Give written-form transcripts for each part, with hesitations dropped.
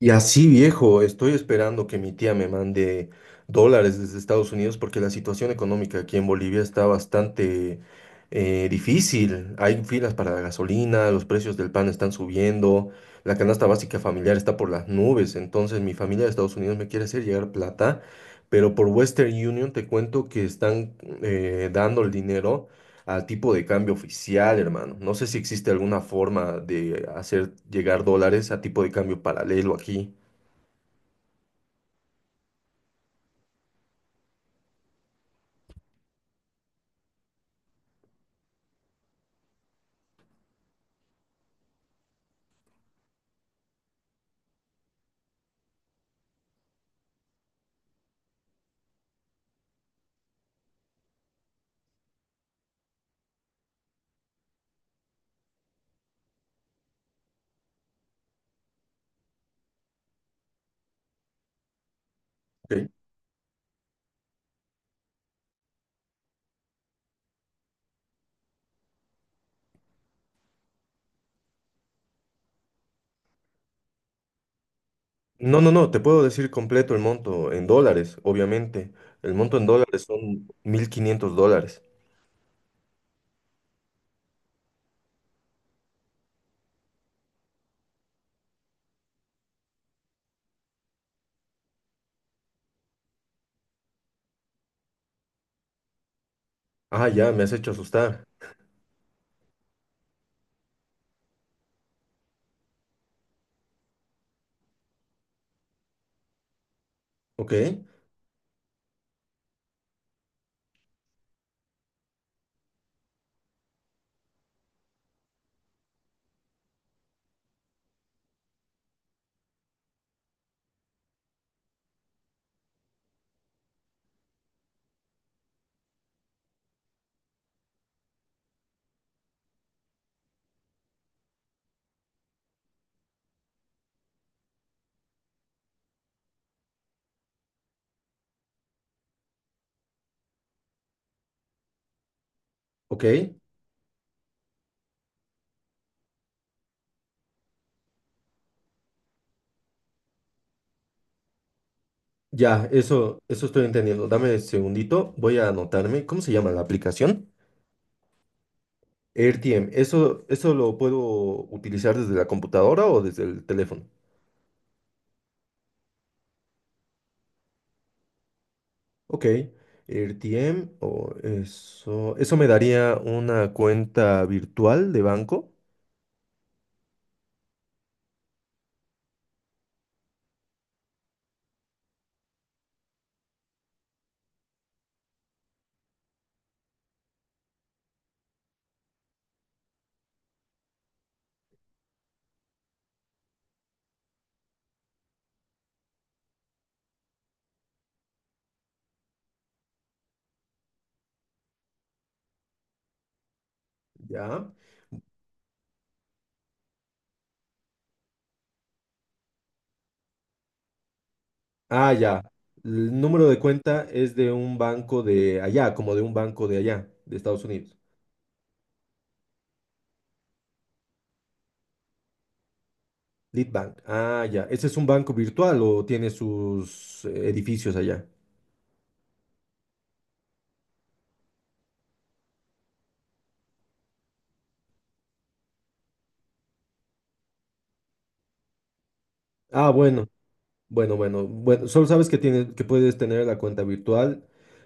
Y así, viejo, estoy esperando que mi tía me mande dólares desde Estados Unidos porque la situación económica aquí en Bolivia está bastante difícil. Hay filas para la gasolina, los precios del pan están subiendo, la canasta básica familiar está por las nubes. Entonces, mi familia de Estados Unidos me quiere hacer llegar plata, pero por Western Union te cuento que están dando el dinero al tipo de cambio oficial, hermano. No sé si existe alguna forma de hacer llegar dólares a tipo de cambio paralelo aquí. Ok. No, no, no, te puedo decir completo el monto en dólares, obviamente. El monto en dólares son 1.500 dólares. Ah, ya, me has hecho asustar. Ok, ok. Ya, eso estoy entendiendo. Dame un segundito, voy a anotarme. ¿Cómo se llama la aplicación? AirTM, ¿eso lo puedo utilizar desde la computadora o desde el teléfono? Ok, RTM, o eso me daría una cuenta virtual de banco, ¿ya? Ah, ya. El número de cuenta es de un banco de allá, como de un banco de allá, de Estados Unidos. Lead Bank. Ah, ya. ¿Ese es un banco virtual o tiene sus edificios allá? Ah, bueno, bueno, bueno, bueno. Solo sabes que tienes, que puedes tener la cuenta virtual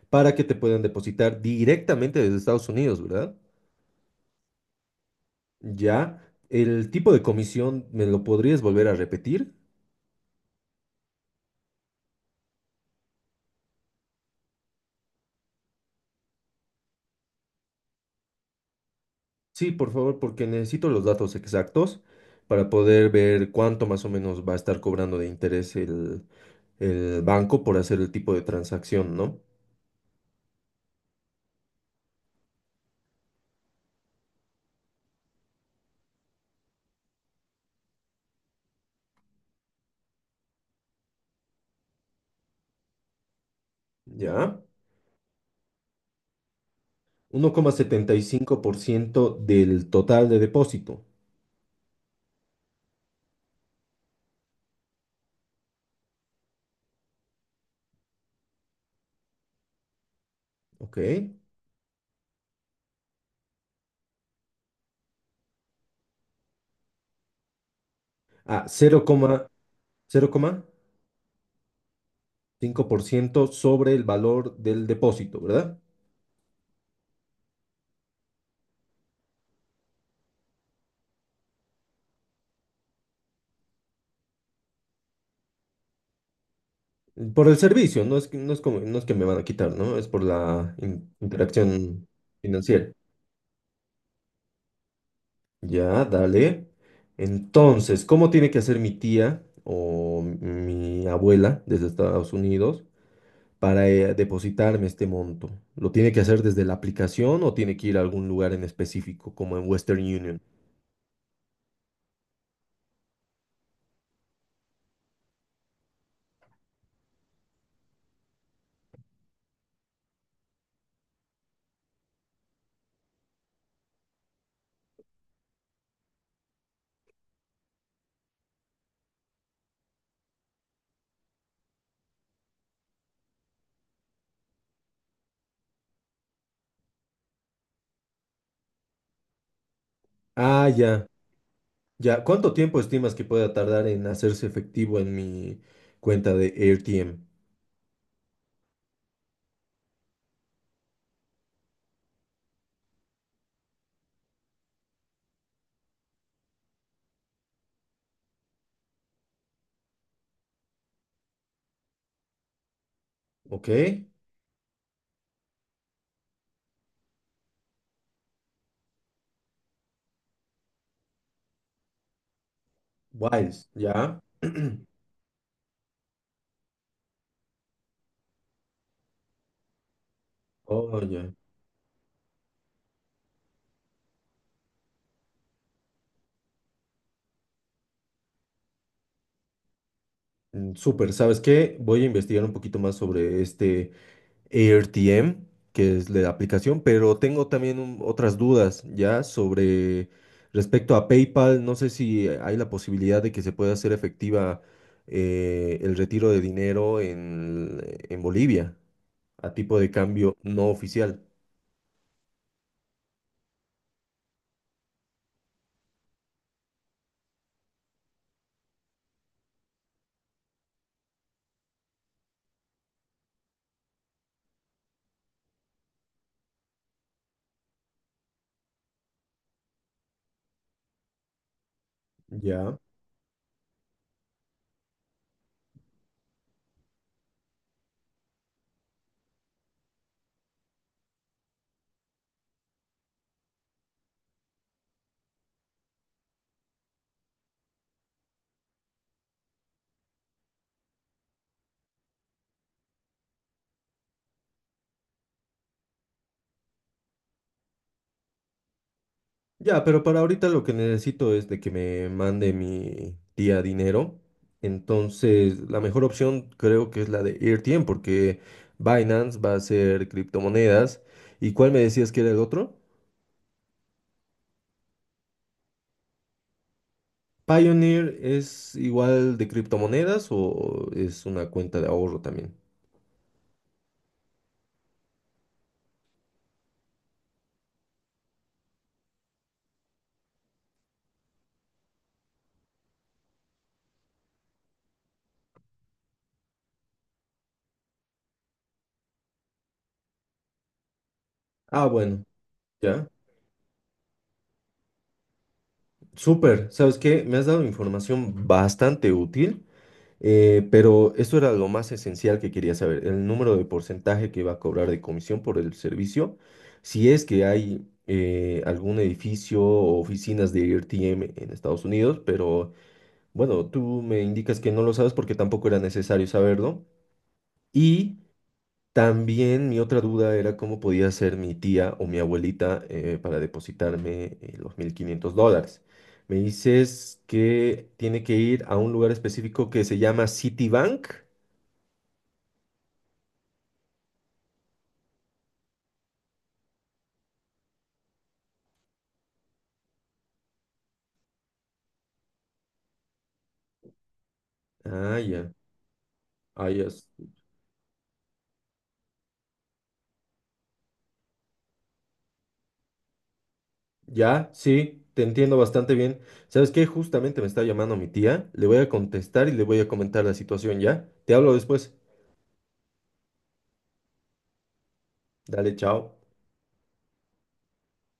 para que te puedan depositar directamente desde Estados Unidos, ¿verdad? Ya, ¿el tipo de comisión me lo podrías volver a repetir? Sí, por favor, porque necesito los datos exactos para poder ver cuánto más o menos va a estar cobrando de interés el banco por hacer el tipo de transacción, ¿no? Ya, uno coma setenta y cinco por ciento del total de depósito, ¿ok? Ah, cero coma cinco por ciento sobre el valor del depósito, ¿verdad? Por el servicio, no es que me van a quitar, ¿no? Es por la interacción financiera. Ya, dale. Entonces, ¿cómo tiene que hacer mi tía o mi abuela desde Estados Unidos para depositarme este monto? ¿Lo tiene que hacer desde la aplicación o tiene que ir a algún lugar en específico, como en Western Union? Ah, ya, ya. ¿Cuánto tiempo estimas que pueda tardar en hacerse efectivo en mi cuenta de AirTM? ¿Ok? Wise, ya. Oh, ya. Mm, súper, ¿sabes qué? Voy a investigar un poquito más sobre este AirTM, que es la aplicación, pero tengo también otras dudas ya sobre respecto a PayPal. No sé si hay la posibilidad de que se pueda hacer efectiva el retiro de dinero en Bolivia a tipo de cambio no oficial. Ya. Ya, pero para ahorita lo que necesito es de que me mande mi tía dinero. Entonces, la mejor opción creo que es la de Airtm porque Binance va a ser criptomonedas. ¿Y cuál me decías que era el otro? Pioneer es igual de criptomonedas o es una cuenta de ahorro también. Ah, bueno, ya. Súper. ¿Sabes qué? Me has dado información bastante útil. Pero esto era lo más esencial que quería saber, el número de porcentaje que va a cobrar de comisión por el servicio, si es que hay algún edificio o oficinas de RTM en Estados Unidos, pero bueno, tú me indicas que no lo sabes porque tampoco era necesario saberlo. Y también mi otra duda era cómo podía ser mi tía o mi abuelita para depositarme los 1.500 dólares. Me dices que tiene que ir a un lugar específico que se llama Citibank. Ah, ya. Ah, ya. Ya, sí, te entiendo bastante bien. ¿Sabes qué? Justamente me está llamando mi tía. Le voy a contestar y le voy a comentar la situación, ¿ya? Te hablo después. Dale, chao.